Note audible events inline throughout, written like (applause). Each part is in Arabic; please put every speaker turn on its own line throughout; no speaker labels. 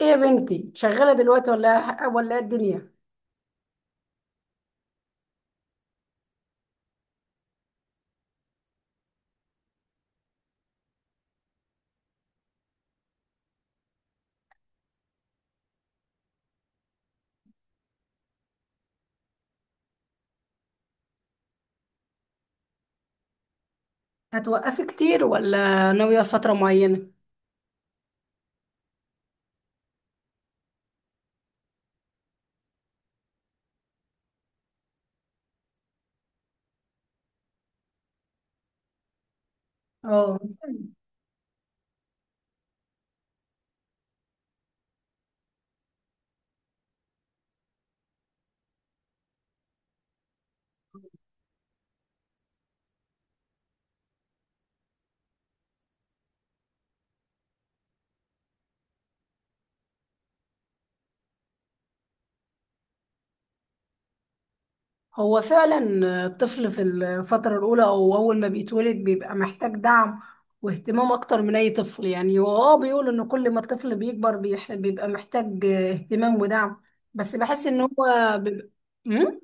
ايه يا بنتي، شغالة دلوقتي ولا إيه الدنيا؟ هتوقفي كتير ولا ناوية فترة معينة؟ اه، هو فعلا الطفل في الفترة الأولى أو أول ما بيتولد بيبقى محتاج دعم واهتمام أكتر من أي طفل. يعني هو بيقول إن كل ما الطفل بيكبر بيبقى محتاج اهتمام ودعم، بس بحس إن هو بيبقى. مم؟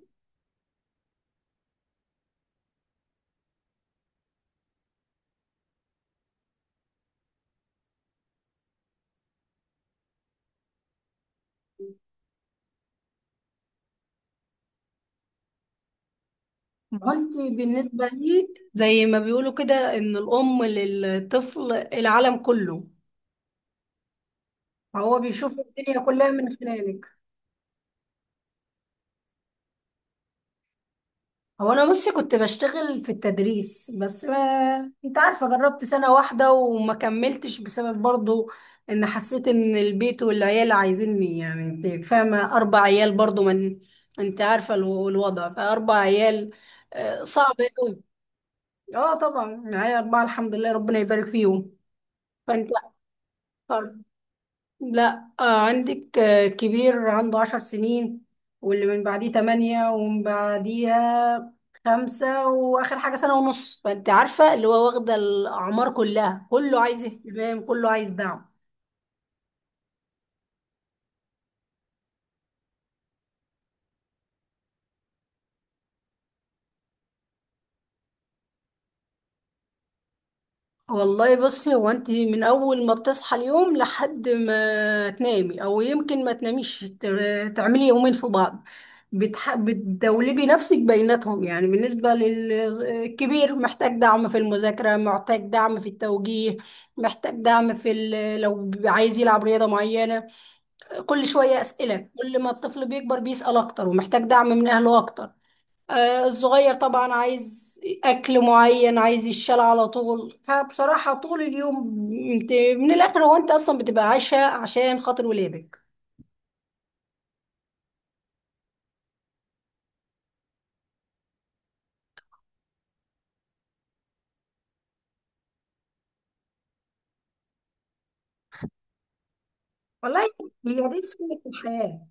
ما انت بالنسبة لي زي ما بيقولوا كده، إن الأم للطفل العالم كله، هو بيشوف الدنيا كلها من خلالك. هو انا بصي، كنت بشتغل في التدريس بس ما انت عارفه، جربت سنه واحده وما كملتش بسبب برضو ان حسيت ان البيت والعيال عايزيني. يعني انت فاهمه، اربع عيال برضو، من انت عارفه الوضع، فاربع عيال صعب قوي. اه طبعا معايا اربعه الحمد لله، ربنا يبارك فيهم. فانت، لا عندك كبير عنده 10 سنين، واللي من بعديه 8، ومن بعديها 5، وآخر حاجة سنة ونص. فأنت عارفة اللي هو واخدة الأعمار كلها، كله عايز اهتمام كله عايز دعم. والله بصي، هو انت من اول ما بتصحى اليوم لحد ما تنامي او يمكن ما تناميش، تعملي يومين في بعض بتدولبي نفسك بيناتهم. يعني بالنسبة للكبير محتاج دعم في المذاكرة، محتاج دعم في التوجيه، محتاج دعم في لو عايز يلعب رياضة معينة. كل شوية أسئلة، كل ما الطفل بيكبر بيسأل أكتر ومحتاج دعم من أهله أكتر. الصغير طبعا عايز اكل معين، عايز يشال على طول. فبصراحة طول اليوم انت من الاخر هو انت اصلا بتبقى عايشة عشان خاطر ولادك. والله هي دي سنة الحياة.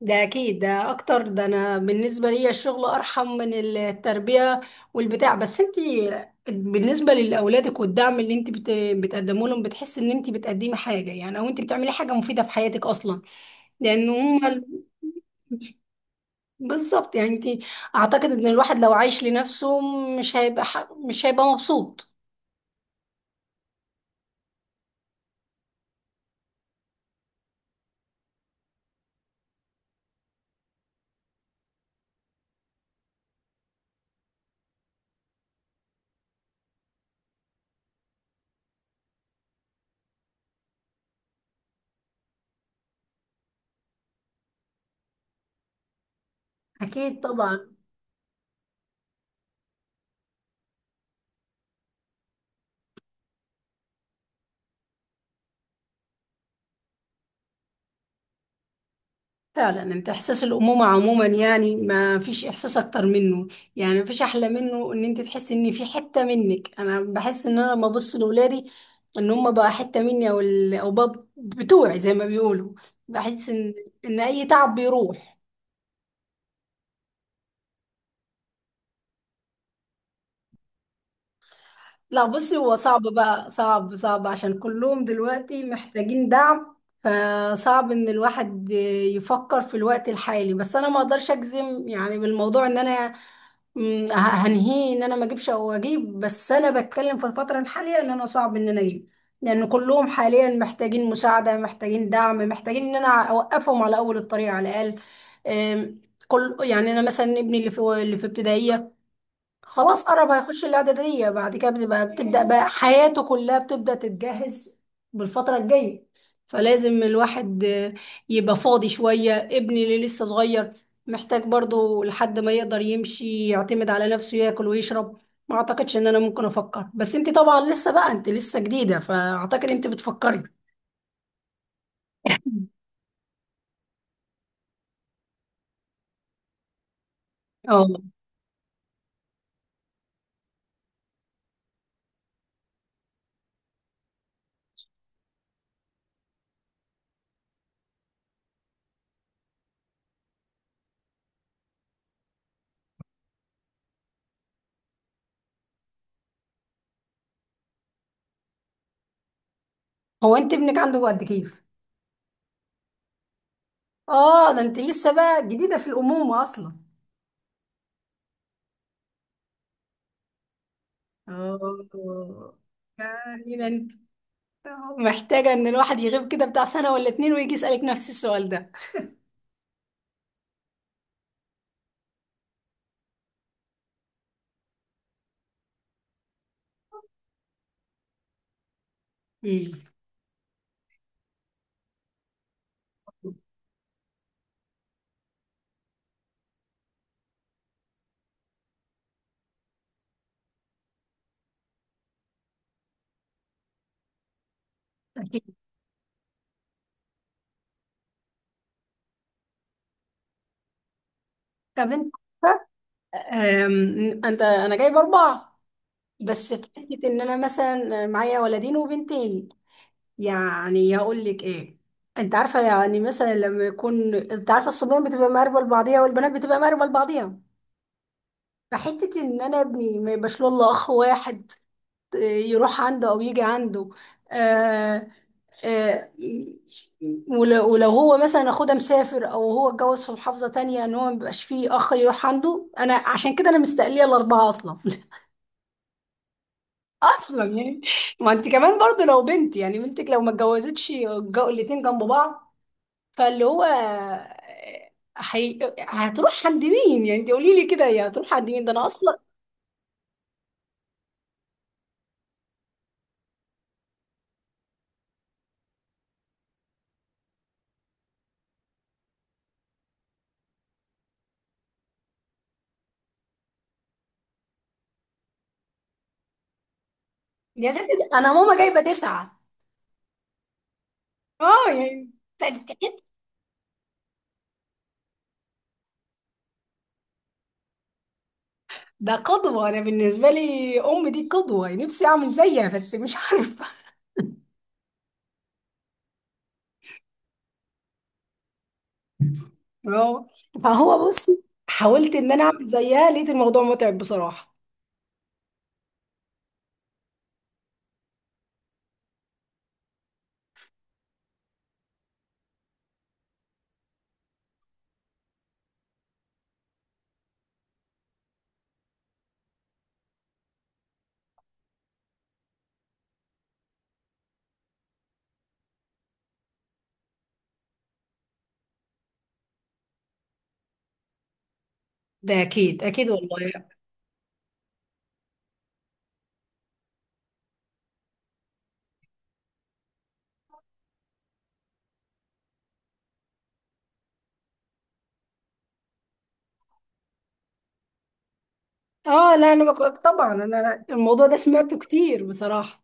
ده اكيد، ده اكتر، ده انا بالنسبة لي الشغل ارحم من التربية والبتاع. بس انت بالنسبة لاولادك، والدعم اللي انت بتقدمه لهم، بتحس ان انت بتقدمي حاجة يعني، او انت بتعملي حاجة مفيدة في حياتك اصلا، لان هم بالظبط. بالظبط يعني انت، اعتقد ان الواحد لو عايش لنفسه مش هيبقى مش هيبقى مبسوط. اكيد طبعا. فعلا انت، احساس الامومه عموما يعني ما فيش احساس اكتر منه. يعني ما فيش احلى منه ان انت تحسي ان في حته منك. انا بحس ان انا لما ابص لاولادي، ان هم بقى حته مني، او او بقى بتوعي زي ما بيقولوا، بحس ان، ان اي تعب بيروح. لا بصي، هو صعب بقى، صعب صعب عشان كلهم دلوقتي محتاجين دعم. فصعب ان الواحد يفكر في الوقت الحالي، بس انا ما اقدرش اجزم يعني بالموضوع ان انا م، ه- هنهيه ان انا ما اجيبش او اجيب، بس انا بتكلم في الفترة الحالية ان انا صعب ان انا اجيب، لان كلهم حاليا محتاجين مساعدة، محتاجين دعم، محتاجين ان انا اوقفهم على اول الطريق على الاقل. أم، كل يعني انا مثلا ابني اللي في ابتدائية، خلاص قرب هيخش الاعدادية، بعد كده بنبقى بتبدأ بقى حياته كلها بتبدأ تتجهز بالفترة الجاية. فلازم الواحد يبقى فاضي شوية. ابني اللي لسه صغير محتاج برضو لحد ما يقدر يمشي يعتمد على نفسه، ياكل ويشرب. ما اعتقدش ان انا ممكن افكر، بس انت طبعا لسه بقى، انت لسه جديدة فاعتقد انت بتفكري. (clears throat) اه، هو انت ابنك عنده قد كيف؟ اه ده انت لسه بقى جديدة في الأمومة اصلا. اه يعني ده محتاجة ان الواحد يغيب كده بتاع سنة ولا اتنين ويجي يسألك نفس السؤال ده. مم. أكيد. طب انت، انت انا جايب اربعة بس في حتة ان انا مثلا معايا ولدين وبنتين. يعني هقول لك ايه، انت عارفة يعني مثلا لما يكون، انت عارفة الصبيان بتبقى مقربة لبعضيها والبنات بتبقى مقربة لبعضيها. فحتة ان انا ابني ما يبقاش له الا اخ واحد يروح عنده او يجي عنده. آه، آه، ولو هو مثلا اخوه ده مسافر، او هو اتجوز في محافظة تانية، ان هو ما بيبقاش فيه اخ يروح عنده. انا عشان كده انا مستقلية الاربعة اصلا. (laughs) اصلا يعني، ما انت كمان برضه لو بنت، يعني بنتك لو ما اتجوزتش الاتنين جنب بعض. فاللي هو هتروح عند مين؟ يعني انت قولي لي كده، يا هتروح عند مين؟ ده انا اصلا يا ستي، ده انا ماما جايبة 9. اه يعني ده قدوة. أنا بالنسبة لي أم دي قدوة، نفسي أعمل زيها بس مش عارفة. (laughs) فهو فهو بصي، حاولت إن أنا أعمل زيها لقيت الموضوع متعب بصراحة. ده أكيد أكيد والله. آه لا أنا طبعا أنا الموضوع ده سمعته كتير بصراحة.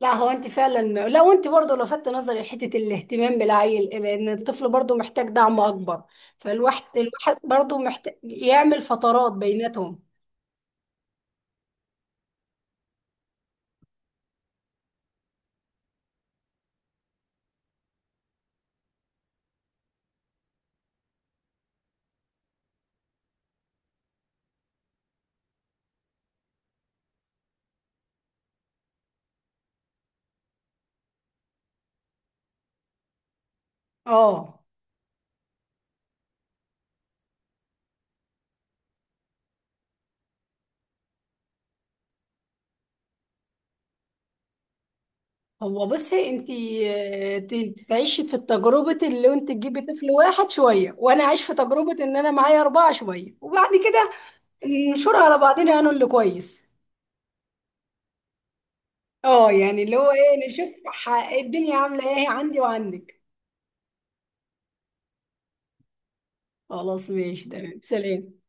لا هو أنت فعلا، لا وأنت برضه لفتت نظري لحتة الاهتمام بالعيل، لأن الطفل برضه محتاج دعم أكبر. فالواحد الواحد برضه محتاج يعمل فترات بيناتهم. آه هو بصي انتي تعيشي في تجربة اللي انت تجيبي طفل واحد شوية، وانا اعيش في تجربة ان انا معايا اربعة شوية، وبعد كده ننشرها على بعضنا انا اللي كويس. اه يعني اللي هو ايه، نشوف الدنيا عاملة ايه عندي وعندك. خلاص ماشي، تمام، سلام.